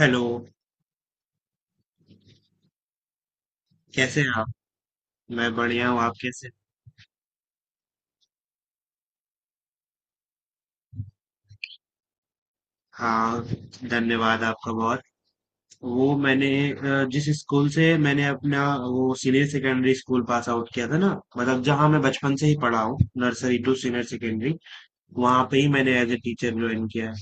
Hello. कैसे हैं आप? मैं बढ़िया हूँ, आप कैसे? हाँ, धन्यवाद आपका बहुत। वो मैंने जिस स्कूल से मैंने अपना वो senior secondary school pass out किया था ना, मतलब जहाँ मैं बचपन से ही पढ़ा हूँ, नर्सरी टू सीनियर सेकेंडरी, वहाँ पे ही मैंने एज ए टीचर ज्वाइन किया है।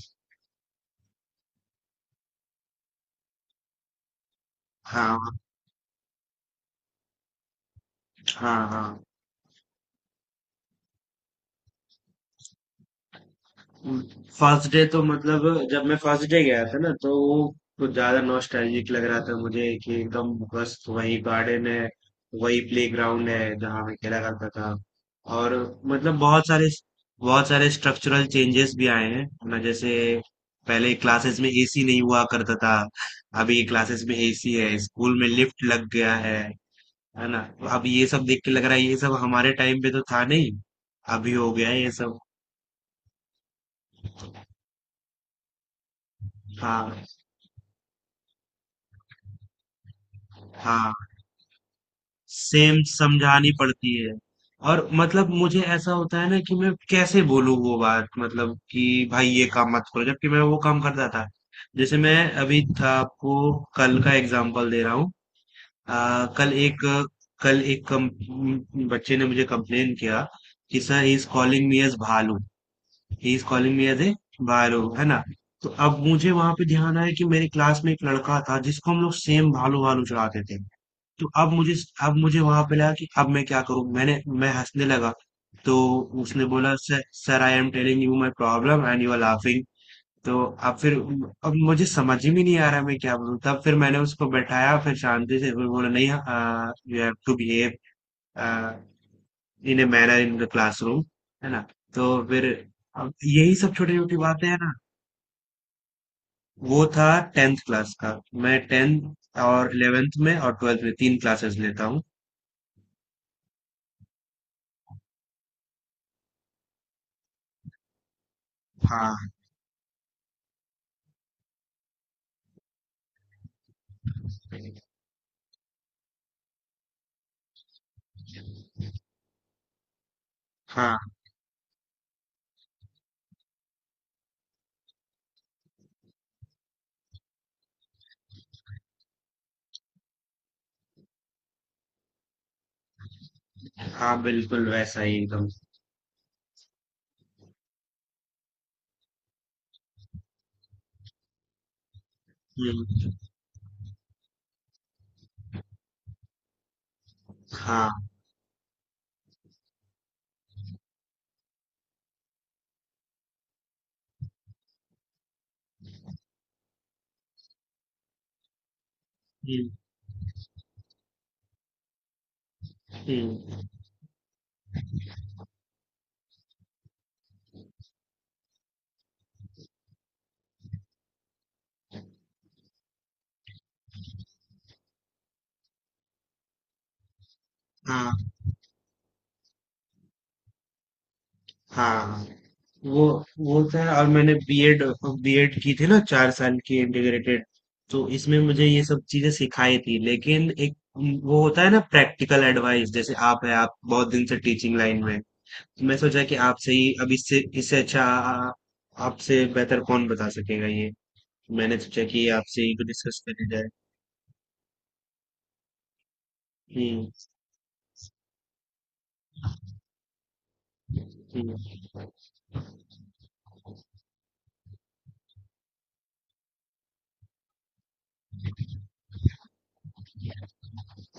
हाँ, हाँ, हाँ। फर्स्ट डे तो मतलब, जब मैं फर्स्ट डे गया था ना, तो वो कुछ ज्यादा नॉस्टैल्जिक लग रहा था मुझे कि एकदम बस वही गार्डन है, वही प्लेग्राउंड है जहाँ मैं खेला करता था। और मतलब बहुत सारे, बहुत सारे स्ट्रक्चरल चेंजेस भी आए हैं, है ना? जैसे पहले क्लासेस में एसी नहीं हुआ करता था, अभी क्लासेस में एसी है, स्कूल में लिफ्ट लग गया है। है ना, तो अब ये सब देख के लग रहा है, ये सब हमारे टाइम पे तो था नहीं, अभी हो गया है ये सब। हाँ, हाँ, सेम समझानी पड़ती है। और मतलब मुझे ऐसा होता है ना कि मैं कैसे बोलूँ वो बात, मतलब कि भाई ये काम मत करो, जबकि मैं वो काम करता था। जैसे मैं अभी था, आपको कल का एग्जांपल दे रहा हूँ। आ, कल एक कम, बच्चे ने मुझे कंप्लेन किया कि sir, he is calling me as भालू। He is calling me as a भालू, है ना? तो अब मुझे वहां पे ध्यान आया कि मेरी क्लास में एक लड़का था जिसको हम लोग सेम भालू भालू चढ़ाते थे। तो अब मुझे, अब मुझे वहां पे लगा कि अब मैं क्या करूं, मैं हंसने लगा। तो उसने बोला, sir sir, I am telling you my problem and you are laughing. तो अब फिर, अब मुझे समझ ही में नहीं आ रहा मैं क्या बोलूं, तब फिर मैंने उसको बैठाया, फिर शांति से फिर बोला, नहीं, you have to behave in a manner in the classroom, है ना? तो फिर अब यही सब छोटी छोटी बातें हैं ना। वो था टेंथ क्लास का। मैं टेंथ और इलेवेंथ में और ट्वेल्थ में तीन क्लासेस लेता हूँ। हाँ, हाँ, हाँ, बिल्कुल वैसा ही एकदम। हुँ, हाँ। हुँ, हुँ, हाँ, हाँ। वो वो था, और मैंने बीएड, बीएड की थी ना, 4 साल की इंटीग्रेटेड, तो इसमें मुझे ये सब चीज़ें सिखाई थी। लेकिन एक वो होता है ना, प्रैक्टिकल एडवाइस। जैसे आप हैं, आप बहुत दिन से टीचिंग लाइन में हैं। मैं सोचा कि आपसे ही, अब इससे इससे अच्छा आ आपसे बेहतर कौन बता सकेगा ये। मैंने सोचा कि आपसे ही को डिस्कस करी जाए। हुँ, हुँ।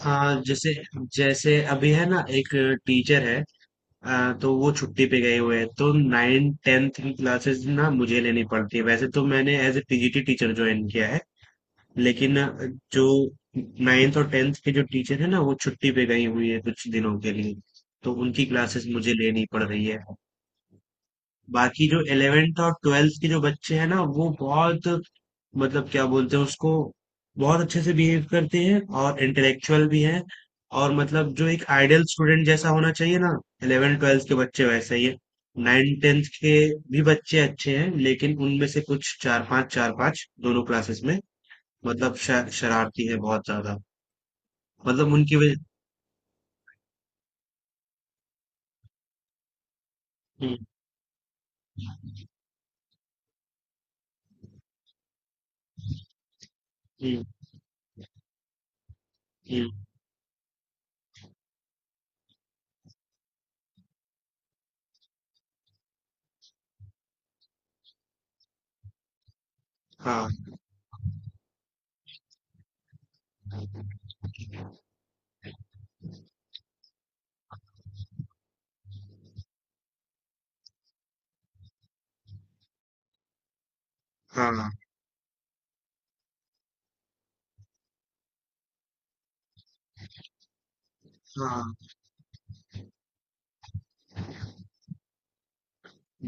हाँ, जैसे, जैसे अभी है ना एक टीचर है, तो वो छुट्टी पे गए हुए हैं, तो नाइन टेंथ की क्लासेस ना मुझे लेनी पड़ती है। वैसे तो मैंने as a PGT teacher join किया है, लेकिन जो नाइन्थ और टेंथ के जो टीचर है ना, वो छुट्टी पे गई हुई है कुछ दिनों के लिए, तो उनकी क्लासेस मुझे लेनी पड़ रही है। बाकी जो इलेवेंथ और ट्वेल्थ के जो बच्चे हैं ना, वो बहुत, मतलब क्या बोलते हैं उसको, बहुत अच्छे से बिहेव करते हैं और इंटेलेक्चुअल भी हैं। और मतलब जो एक आइडियल स्टूडेंट जैसा होना चाहिए ना, इलेवन ट्वेल्थ के बच्चे वैसे ही है। नाइन टेंथ के भी बच्चे अच्छे हैं, लेकिन उनमें से कुछ चार पांच, चार पांच दोनों क्लासेस में, मतलब शरारती है बहुत ज्यादा। मतलब उनकी वजह, हम्म, हम्म, हम्म, हाँ, हाँ, हाँ।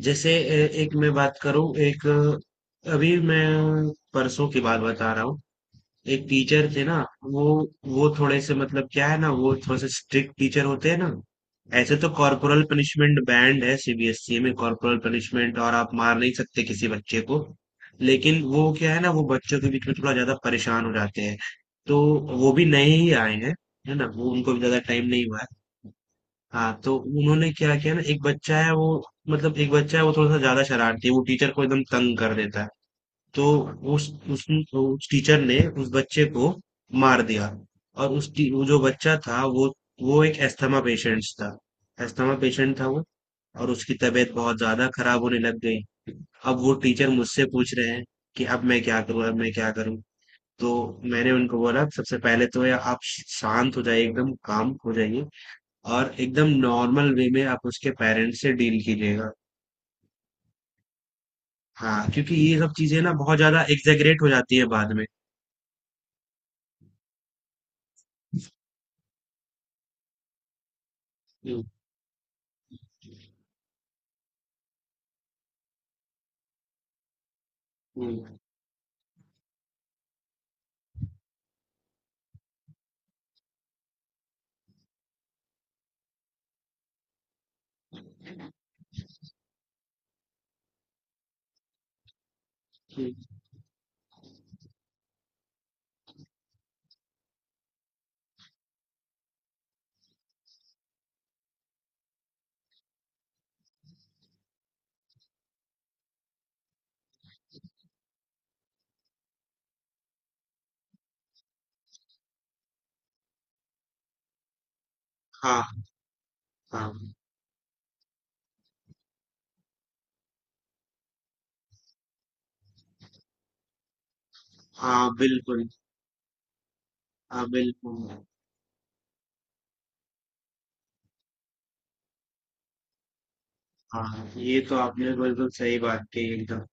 जैसे एक मैं बात करूं, एक, अभी मैं परसों की बात बता रहा हूँ। एक टीचर थे ना, वो वो थोड़े से, मतलब क्या है ना, वो थोड़े से स्ट्रिक्ट टीचर होते हैं ना। ऐसे तो कॉर्पोरल पनिशमेंट बैंड है सीबीएसई में, कॉर्पोरल पनिशमेंट, और आप मार नहीं सकते किसी बच्चे को। लेकिन वो क्या है ना, वो बच्चों के बीच में थोड़ा ज्यादा परेशान हो जाते हैं। तो वो भी नए ही आए हैं, है ना, वो उनको भी ज्यादा टाइम नहीं हुआ है। हाँ, तो उन्होंने क्या किया ना, एक बच्चा है वो, मतलब एक बच्चा है वो थोड़ा सा ज्यादा शरारती है, वो टीचर को एकदम तंग कर देता है। तो उस उस उस टीचर ने उस बच्चे को मार दिया। और वो जो बच्चा था वो एक अस्थमा पेशेंट था, अस्थमा पेशेंट था वो। और उसकी तबीयत बहुत ज्यादा खराब होने लग गई। अब वो टीचर मुझसे पूछ रहे हैं कि अब मैं क्या करूं, अब मैं क्या करूं। तो मैंने उनको बोला, सबसे पहले तो या आप शांत हो जाइए, एकदम काम हो जाइए, और एकदम नॉर्मल वे में आप उसके पेरेंट्स से डील कीजिएगा। हाँ, क्योंकि ये सब चीजें ना बहुत ज्यादा एग्जेगरेट हो जाती है बाद में। हम्म, हम्म, हाँ, हाँ, हाँ, बिल्कुल। हाँ, बिल्कुल। हाँ, ये तो आपने बिल्कुल सही बात कही एकदम।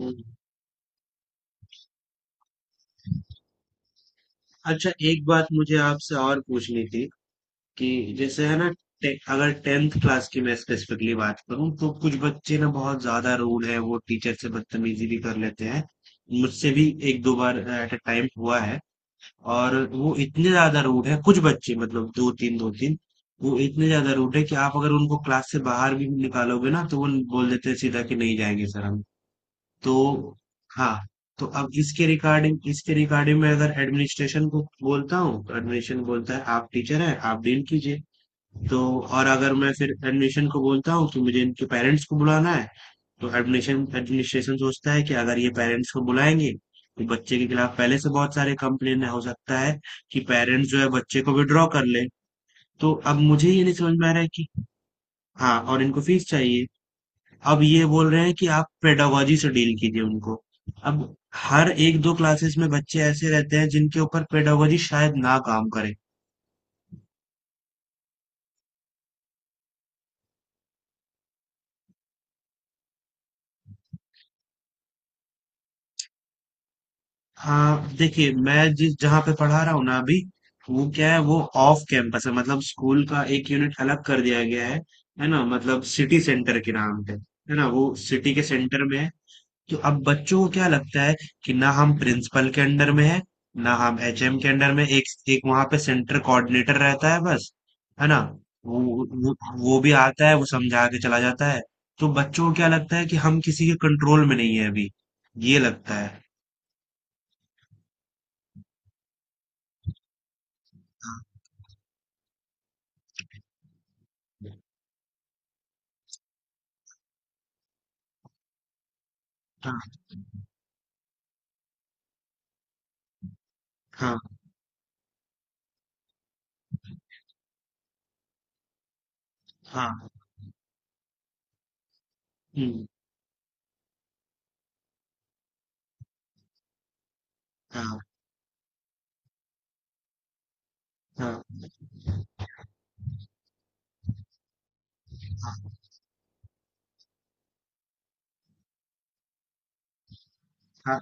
हम्म। अच्छा, एक बात मुझे आपसे और पूछनी थी कि जैसे है ना, अगर टेंथ क्लास की मैं स्पेसिफिकली बात करूँ, तो कुछ बच्चे ना बहुत ज्यादा रूड है, वो टीचर से बदतमीजी भी कर लेते हैं, मुझसे भी एक दो बार एट अ टाइम हुआ है। और वो इतने ज्यादा रूड है कुछ बच्चे, मतलब दो तीन, दो तीन। वो इतने ज्यादा रूड है कि आप अगर उनको क्लास से बाहर भी निकालोगे ना, तो वो बोल देते हैं सीधा कि नहीं जाएंगे सर हम। तो हाँ, तो अब इसके रिगार्डिंग, मैं अगर एडमिनिस्ट्रेशन को बोलता हूँ, तो एडमिनिस्ट्रेशन बोलता है आप टीचर हैं, आप डील कीजिए। तो, और अगर मैं फिर एडमिशन को बोलता हूँ कि मुझे इनके पेरेंट्स को बुलाना है, तो एडमिशन एडमिनिस्ट्रेशन सोचता है कि अगर ये पेरेंट्स को बुलाएंगे तो बच्चे के खिलाफ पहले से बहुत सारे कंप्लेन हो सकता है कि पेरेंट्स जो है बच्चे को विड्रॉ कर ले। तो अब मुझे ये नहीं समझ में आ रहा है कि, हाँ, और इनको फीस चाहिए। अब ये बोल रहे हैं कि आप पेडागोजी से डील कीजिए उनको। अब हर एक दो क्लासेस में बच्चे ऐसे रहते हैं जिनके ऊपर पेडागोजी शायद ना काम करे। हाँ, देखिए मैं जिस जहाँ पे पढ़ा रहा हूँ ना अभी, वो क्या है, वो ऑफ कैंपस है। मतलब स्कूल का एक यूनिट अलग कर दिया गया है ना, मतलब सिटी सेंटर के नाम पे है ना, वो सिटी के सेंटर में है। तो अब बच्चों को क्या लगता है कि ना हम प्रिंसिपल के अंडर में है, ना हम एचएम के अंडर में। एक एक वहां पे सेंटर कोऑर्डिनेटर रहता है बस, है ना। वो वो वो भी आता है, वो समझा के चला जाता है। तो बच्चों को क्या लगता है कि हम किसी के कंट्रोल में नहीं है अभी, ये लगता है। हाँ, हाँ, हाँ, हुँ, हाँ, हाँ, हाँ,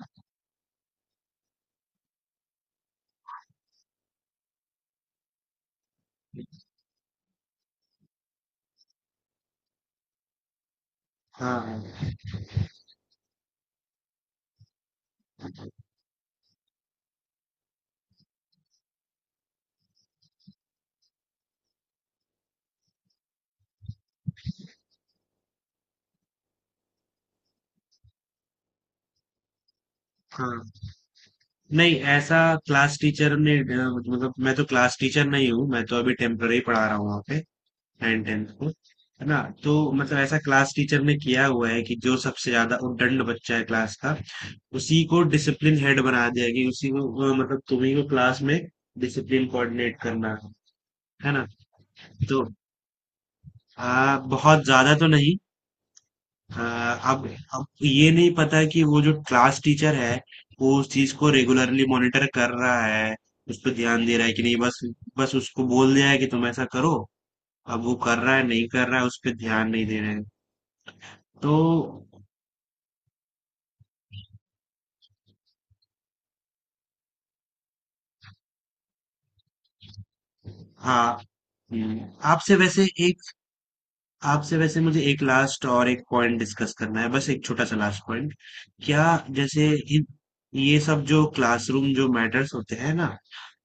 हाँ, हाँ। नहीं, ऐसा क्लास टीचर ने मतलब, मैं तो क्लास टीचर नहीं हूँ, मैं तो अभी टेम्पररी पढ़ा रहा हूँ वहाँ पे नाइन टेंथ को, है ना? तो मतलब ऐसा क्लास टीचर ने किया हुआ है कि जो सबसे ज्यादा उद्दंड बच्चा है क्लास का, उसी को डिसिप्लिन हेड बना दिया कि उसी को, मतलब तुम्ही को क्लास में डिसिप्लिन कोऑर्डिनेट करना है ना। तो हाँ, बहुत ज्यादा तो नहीं। अ, अब अब ये नहीं पता कि वो जो क्लास टीचर है, वो उस चीज को रेगुलरली मॉनिटर कर रहा है, उस पर ध्यान दे रहा है कि नहीं। बस बस उसको बोल दिया है कि तुम ऐसा करो, अब वो कर रहा है नहीं कर रहा है उस पर ध्यान नहीं दे रहे हैं। तो हाँ, हम्म। आपसे वैसे एक आपसे वैसे मुझे एक लास्ट और एक पॉइंट डिस्कस करना है, बस एक छोटा सा लास्ट पॉइंट। क्या, जैसे, इन- ये सब जो क्लासरूम जो मैटर्स होते हैं ना,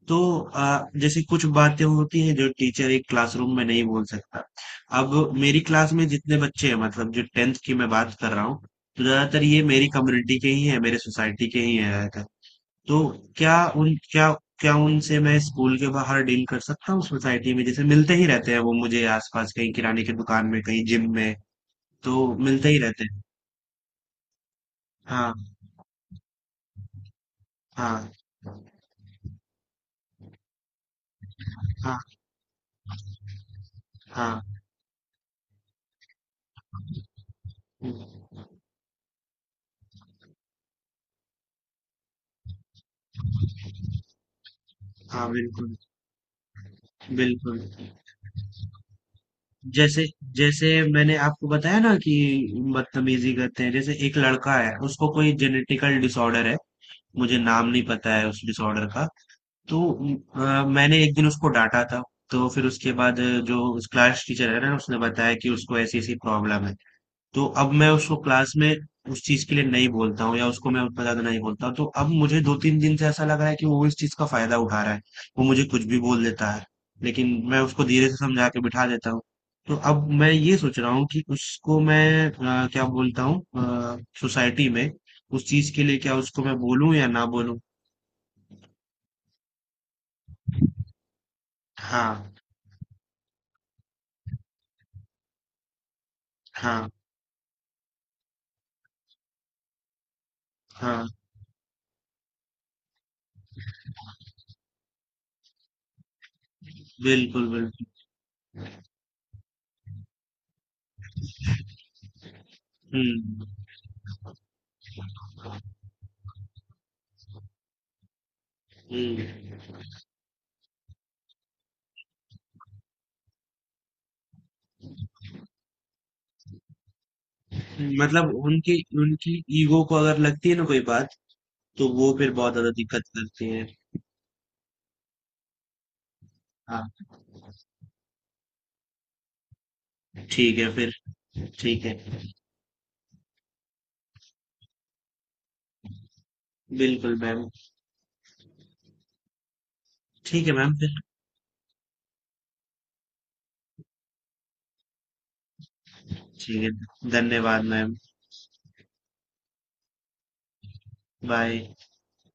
तो जैसे कुछ बातें होती हैं जो टीचर एक क्लासरूम में नहीं बोल सकता। अब मेरी क्लास में जितने बच्चे हैं, मतलब जो टेंथ की मैं बात कर रहा हूँ, तो ज्यादातर ये मेरी कम्युनिटी के ही हैं, मेरे सोसाइटी के ही हैं ज्यादातर। तो क्या क्या उनसे मैं स्कूल के बाहर डील कर सकता हूँ? सोसाइटी में जैसे मिलते ही रहते हैं, वो मुझे आसपास कहीं किराने की दुकान में, कहीं जिम में, तो मिलते ही रहते हैं। हाँ, हाँ, हाँ, हाँ, हाँ, बिल्कुल, बिल्कुल। जैसे जैसे मैंने आपको बताया ना कि बदतमीजी करते हैं, जैसे एक लड़का है, उसको कोई जेनेटिकल डिसऑर्डर है, मुझे नाम नहीं पता है उस डिसऑर्डर का। तो मैंने एक दिन उसको डांटा था, तो फिर उसके बाद जो उस क्लास टीचर है ना, उसने बताया कि उसको ऐसी ऐसी प्रॉब्लम है। तो अब मैं उसको क्लास में उस चीज के लिए नहीं बोलता हूँ, या उसको मैं उतना ज्यादा नहीं बोलता हूँ। तो अब मुझे दो तीन दिन से ऐसा लग रहा है कि वो इस चीज का फायदा उठा रहा है, वो मुझे कुछ भी बोल देता है, लेकिन मैं उसको धीरे से समझा के बिठा देता हूँ। तो अब मैं ये सोच रहा हूँ कि उसको मैं क्या बोलता हूँ सोसाइटी में उस चीज के लिए, क्या उसको मैं बोलूँ या ना बोलूँ। हाँ, हाँ, हाँ, बिल्कुल, बिल्कुल, हम्म, हम्म। मतलब उनकी उनकी ईगो को अगर लगती है ना कोई बात, तो वो फिर बहुत ज़्यादा दिक्कत करती है। हाँ, ठीक है फिर। ठीक है। बिल्कुल मैम। ठीक है मैम फिर। ठीक है, धन्यवाद मैम। बाय।